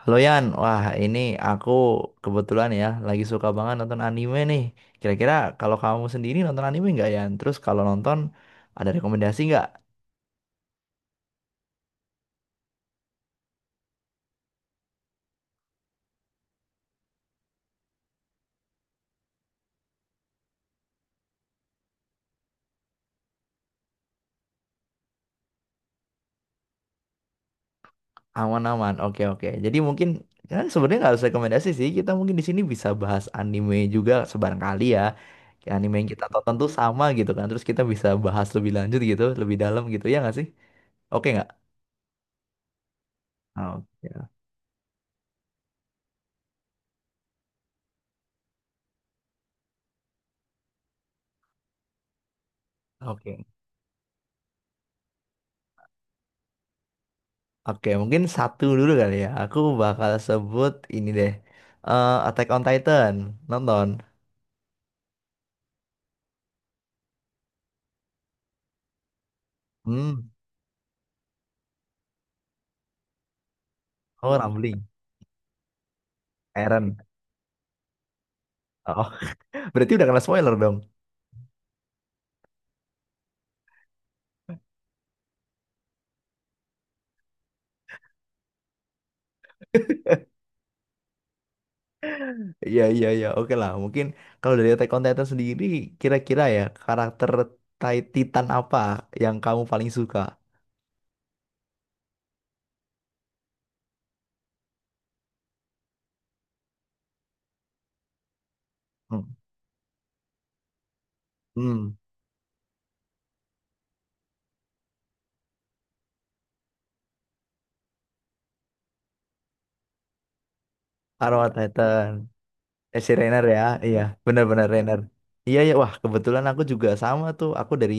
Halo Yan, wah ini aku kebetulan ya lagi suka banget nonton anime nih. Kira-kira, kalau kamu sendiri nonton anime nggak Yan? Terus kalau nonton ada rekomendasi nggak? Aman-aman, oke oke. Jadi mungkin kan sebenarnya nggak harus rekomendasi sih. Kita mungkin di sini bisa bahas anime juga sebarangkali ya. Kayak anime yang kita tonton tuh sama gitu kan. Terus kita bisa bahas lebih lanjut gitu, lebih dalam gitu ya nggak sih? Oke nggak? Oke. Oke. Oke, mungkin satu dulu kali ya. Aku bakal sebut ini deh. Eh, Attack on Titan. Nonton. Hmm. Oh, Rumbling. Eren. Oh, berarti udah kena spoiler dong. Iya, iya, iya. Oke lah. Mungkin kalau dari Attack on Titan sendiri, kira-kira ya, karakter Titan apa yang kamu paling suka? Hmm. Hmm. Arrow Titan. Eh, si Rainer ya, iya, benar-benar Rainer. Iya ya, wah kebetulan aku juga sama tuh. Aku dari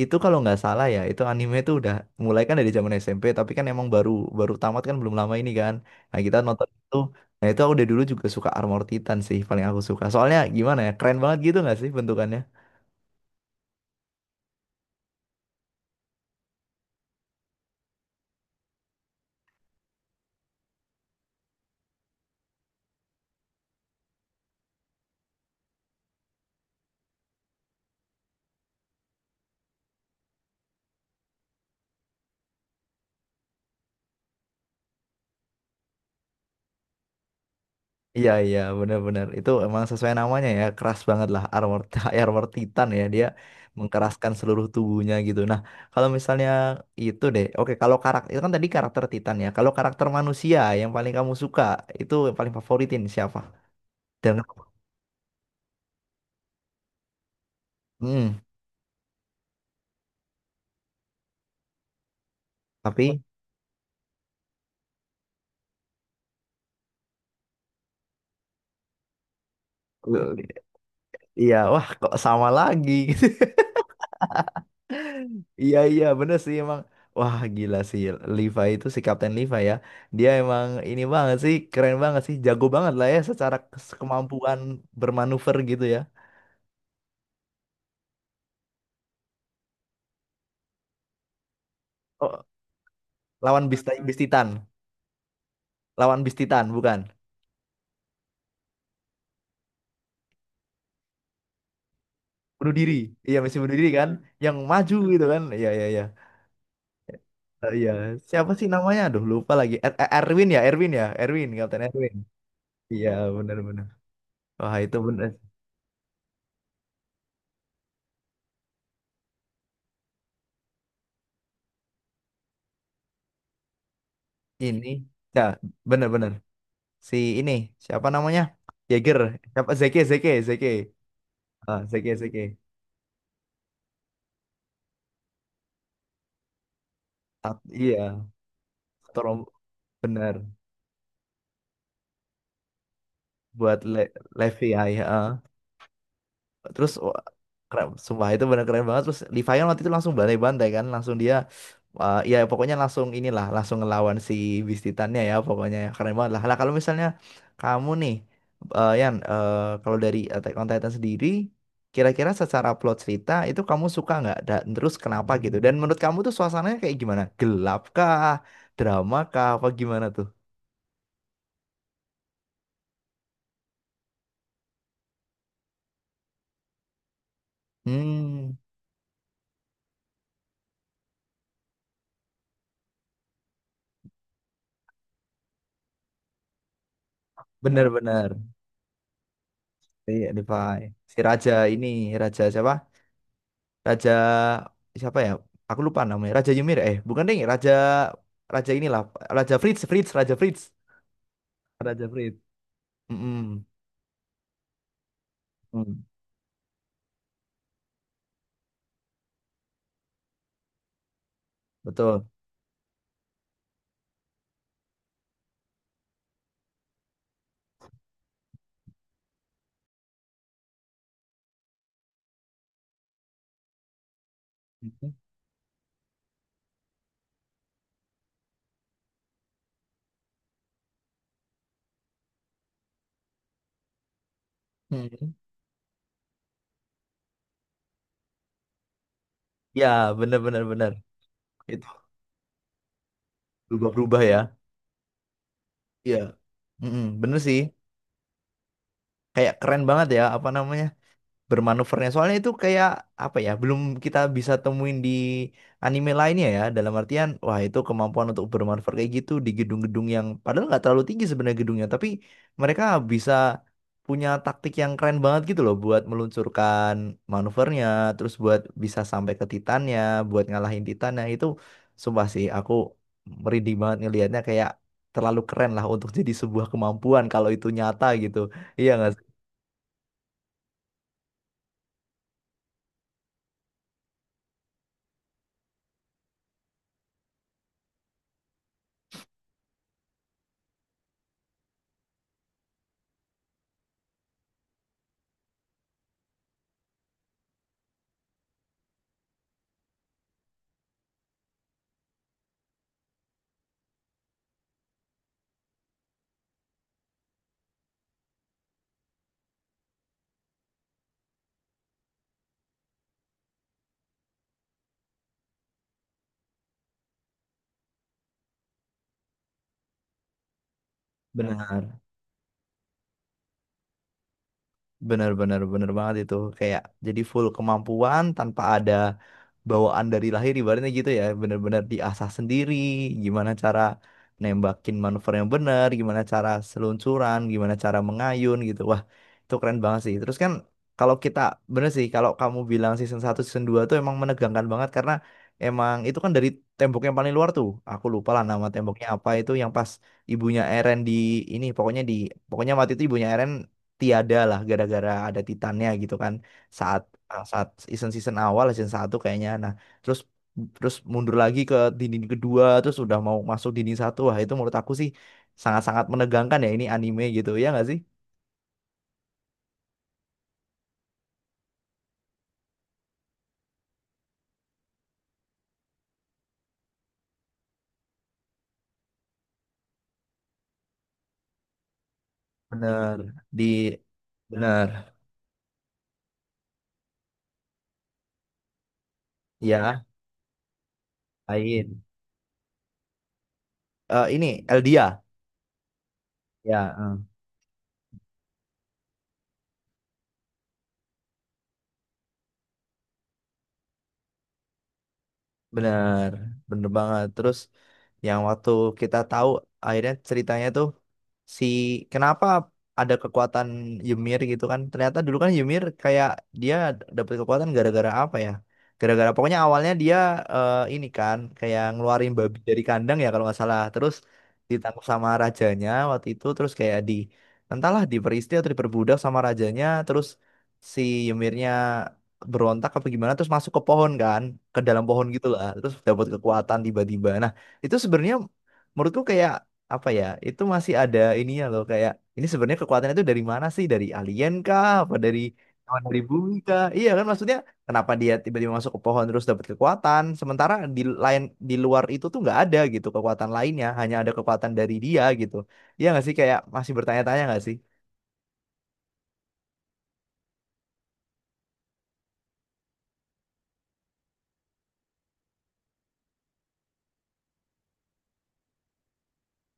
itu kalau nggak salah ya, itu anime tuh udah mulai kan dari zaman SMP, tapi kan emang baru baru tamat kan belum lama ini kan. Nah, kita nonton itu. Nah, itu aku dari dulu juga suka Armor Titan sih, paling aku suka. Soalnya gimana ya, keren banget gitu nggak sih bentukannya? Iya iya, benar-benar itu emang sesuai namanya ya, keras banget lah armor armor Titan ya, dia mengkeraskan seluruh tubuhnya gitu. Nah, kalau misalnya itu deh, oke, kalau karakter itu kan tadi karakter Titan ya. Kalau karakter manusia yang paling kamu suka, itu yang paling favoritin siapa? Dan hmm, tapi eh, iya, wah kok sama lagi. Iya iya, bener sih emang, wah gila sih, Levi itu si Kapten Levi ya, dia emang ini banget sih, keren banget sih, jago banget lah ya, secara kemampuan bermanuver gitu ya. Oh, lawan bis bis Titan, lawan bis Titan, bukan? Bunuh diri, iya, misi bunuh diri kan, yang maju gitu kan, iya iya iya. Eh, iya, siapa sih namanya, aduh lupa lagi, Erwin ya, Erwin ya, Erwin, Kapten Erwin. Iya, bener bener, wah itu bener, ini ya, bener bener si ini siapa namanya, Jaeger, siapa, Zeke Zeke Zeke, ah Zeke Zeke. Ah, iya, Storm, benar, buat Levi ya, ya. Terus wah, keren sumpah, itu bener keren banget. Terus Livayon waktu itu langsung bantai-bantai kan, langsung dia eh, ya pokoknya langsung inilah, langsung ngelawan si Beast Titannya ya pokoknya, ya keren banget lah lah. Kalau misalnya kamu nih eh, Yan eh, kalau dari Attack on Titan sendiri, kira-kira secara plot cerita itu kamu suka nggak, dan terus kenapa gitu, dan menurut kamu tuh suasananya kayak gimana, gelap kah, drama kah, apa gimana tuh? Hmm, bener-bener. Iya, Levi. Si raja ini, raja siapa, Raja siapa ya? Aku lupa namanya. Raja Ymir, eh, bukan deh, Raja Raja inilah, Raja Fritz, Fritz, Raja Fritz. Raja Frit. Mm-mm. Mm, Betul. Mhm. Mm. Ya, bener bener bener. Itu berubah-berubah ya. Iya. Mm-mm, bener sih. Kayak keren banget ya, apa namanya, bermanuvernya. Soalnya itu kayak apa ya, belum kita bisa temuin di anime lainnya ya. Dalam artian, wah itu kemampuan untuk bermanuver kayak gitu di gedung-gedung yang padahal nggak terlalu tinggi sebenarnya gedungnya, tapi mereka bisa punya taktik yang keren banget gitu loh buat meluncurkan manuvernya, terus buat bisa sampai ke Titannya, buat ngalahin Titannya itu, sumpah sih aku merinding banget ngelihatnya, kayak terlalu keren lah untuk jadi sebuah kemampuan kalau itu nyata gitu. Iya nggak sih? Benar. Bener bener bener banget, itu kayak jadi full kemampuan tanpa ada bawaan dari lahir, ibaratnya gitu ya, bener-bener diasah sendiri, gimana cara nembakin manuver yang bener, gimana cara seluncuran, gimana cara mengayun gitu, wah itu keren banget sih. Terus kan kalau kita, bener sih kalau kamu bilang season satu season 2 tuh emang menegangkan banget, karena emang itu kan dari tembok yang paling luar tuh, aku lupa lah nama temboknya apa itu, yang pas ibunya Eren di ini, pokoknya di, pokoknya waktu itu ibunya Eren tiada lah, gara-gara ada Titannya gitu kan, saat, ah, saat season season awal season satu kayaknya. Nah, terus terus mundur lagi ke dinding kedua, terus udah mau masuk dinding satu, wah itu menurut aku sih sangat-sangat menegangkan ya, ini anime gitu ya nggak sih? Bener, di, bener, ya, lain. Eh, ini Eldia ya, eh, bener bener banget. Terus yang waktu kita tahu akhirnya ceritanya tuh, si, kenapa ada kekuatan Ymir gitu kan, ternyata dulu kan Ymir kayak dia dapat kekuatan gara-gara apa ya, gara-gara pokoknya awalnya dia eh, ini kan kayak ngeluarin babi dari kandang ya kalau nggak salah, terus ditangkap sama rajanya waktu itu, terus kayak di entahlah diperistri atau diperbudak sama rajanya, terus si Ymirnya berontak apa gimana, terus masuk ke pohon kan, ke dalam pohon gitu lah, terus dapat kekuatan tiba-tiba. Nah itu sebenarnya menurutku kayak apa ya, itu masih ada ininya loh, kayak ini sebenarnya kekuatannya itu dari mana sih, dari alien kah, apa dari, apa dari bumi kah, iya kan, maksudnya kenapa dia tiba-tiba masuk ke pohon terus dapat kekuatan, sementara di lain, di luar itu tuh nggak ada gitu kekuatan lainnya, hanya ada kekuatan dari dia gitu, iya nggak sih, kayak masih bertanya-tanya nggak sih?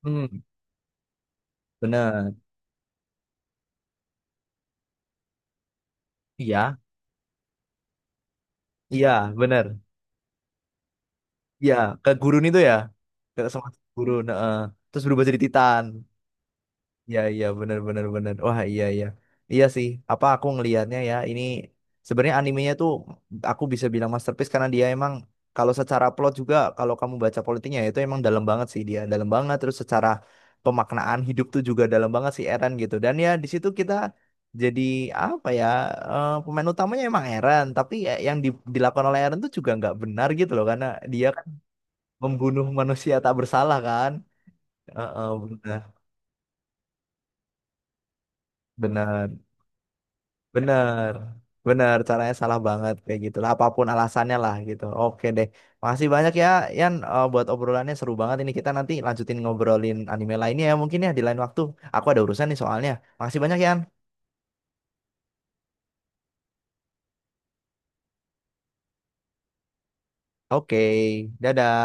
Hmm, bener, iya iya, bener, iya, ke gurun itu ya, ke, sama gurun, heeh. Terus berubah jadi Titan. Iya iya, bener bener bener. Wah, iya iya. Iya sih. Apa, aku ngelihatnya ya, ini sebenarnya animenya tuh, aku bisa bilang masterpiece karena dia emang, kalau secara plot juga, kalau kamu baca politiknya ya, itu emang dalam banget sih, dia dalam banget. Terus secara pemaknaan hidup tuh juga dalam banget sih Eren gitu, dan ya di situ kita jadi apa ya, eh pemain utamanya emang Eren, tapi ya yang dilakukan oleh Eren tuh juga nggak benar gitu loh, karena dia kan membunuh manusia tak bersalah kan. Heeh, benar benar. Bener, bener. Caranya salah banget kayak gitu lah. Apapun alasannya lah gitu. Oke deh. Makasih banyak ya, Yan, eh, buat obrolannya seru banget. Ini kita nanti lanjutin ngobrolin anime lainnya ya, mungkin ya, di lain waktu. Aku ada urusan nih soalnya. Makasih banyak, Yan. Oke, dadah.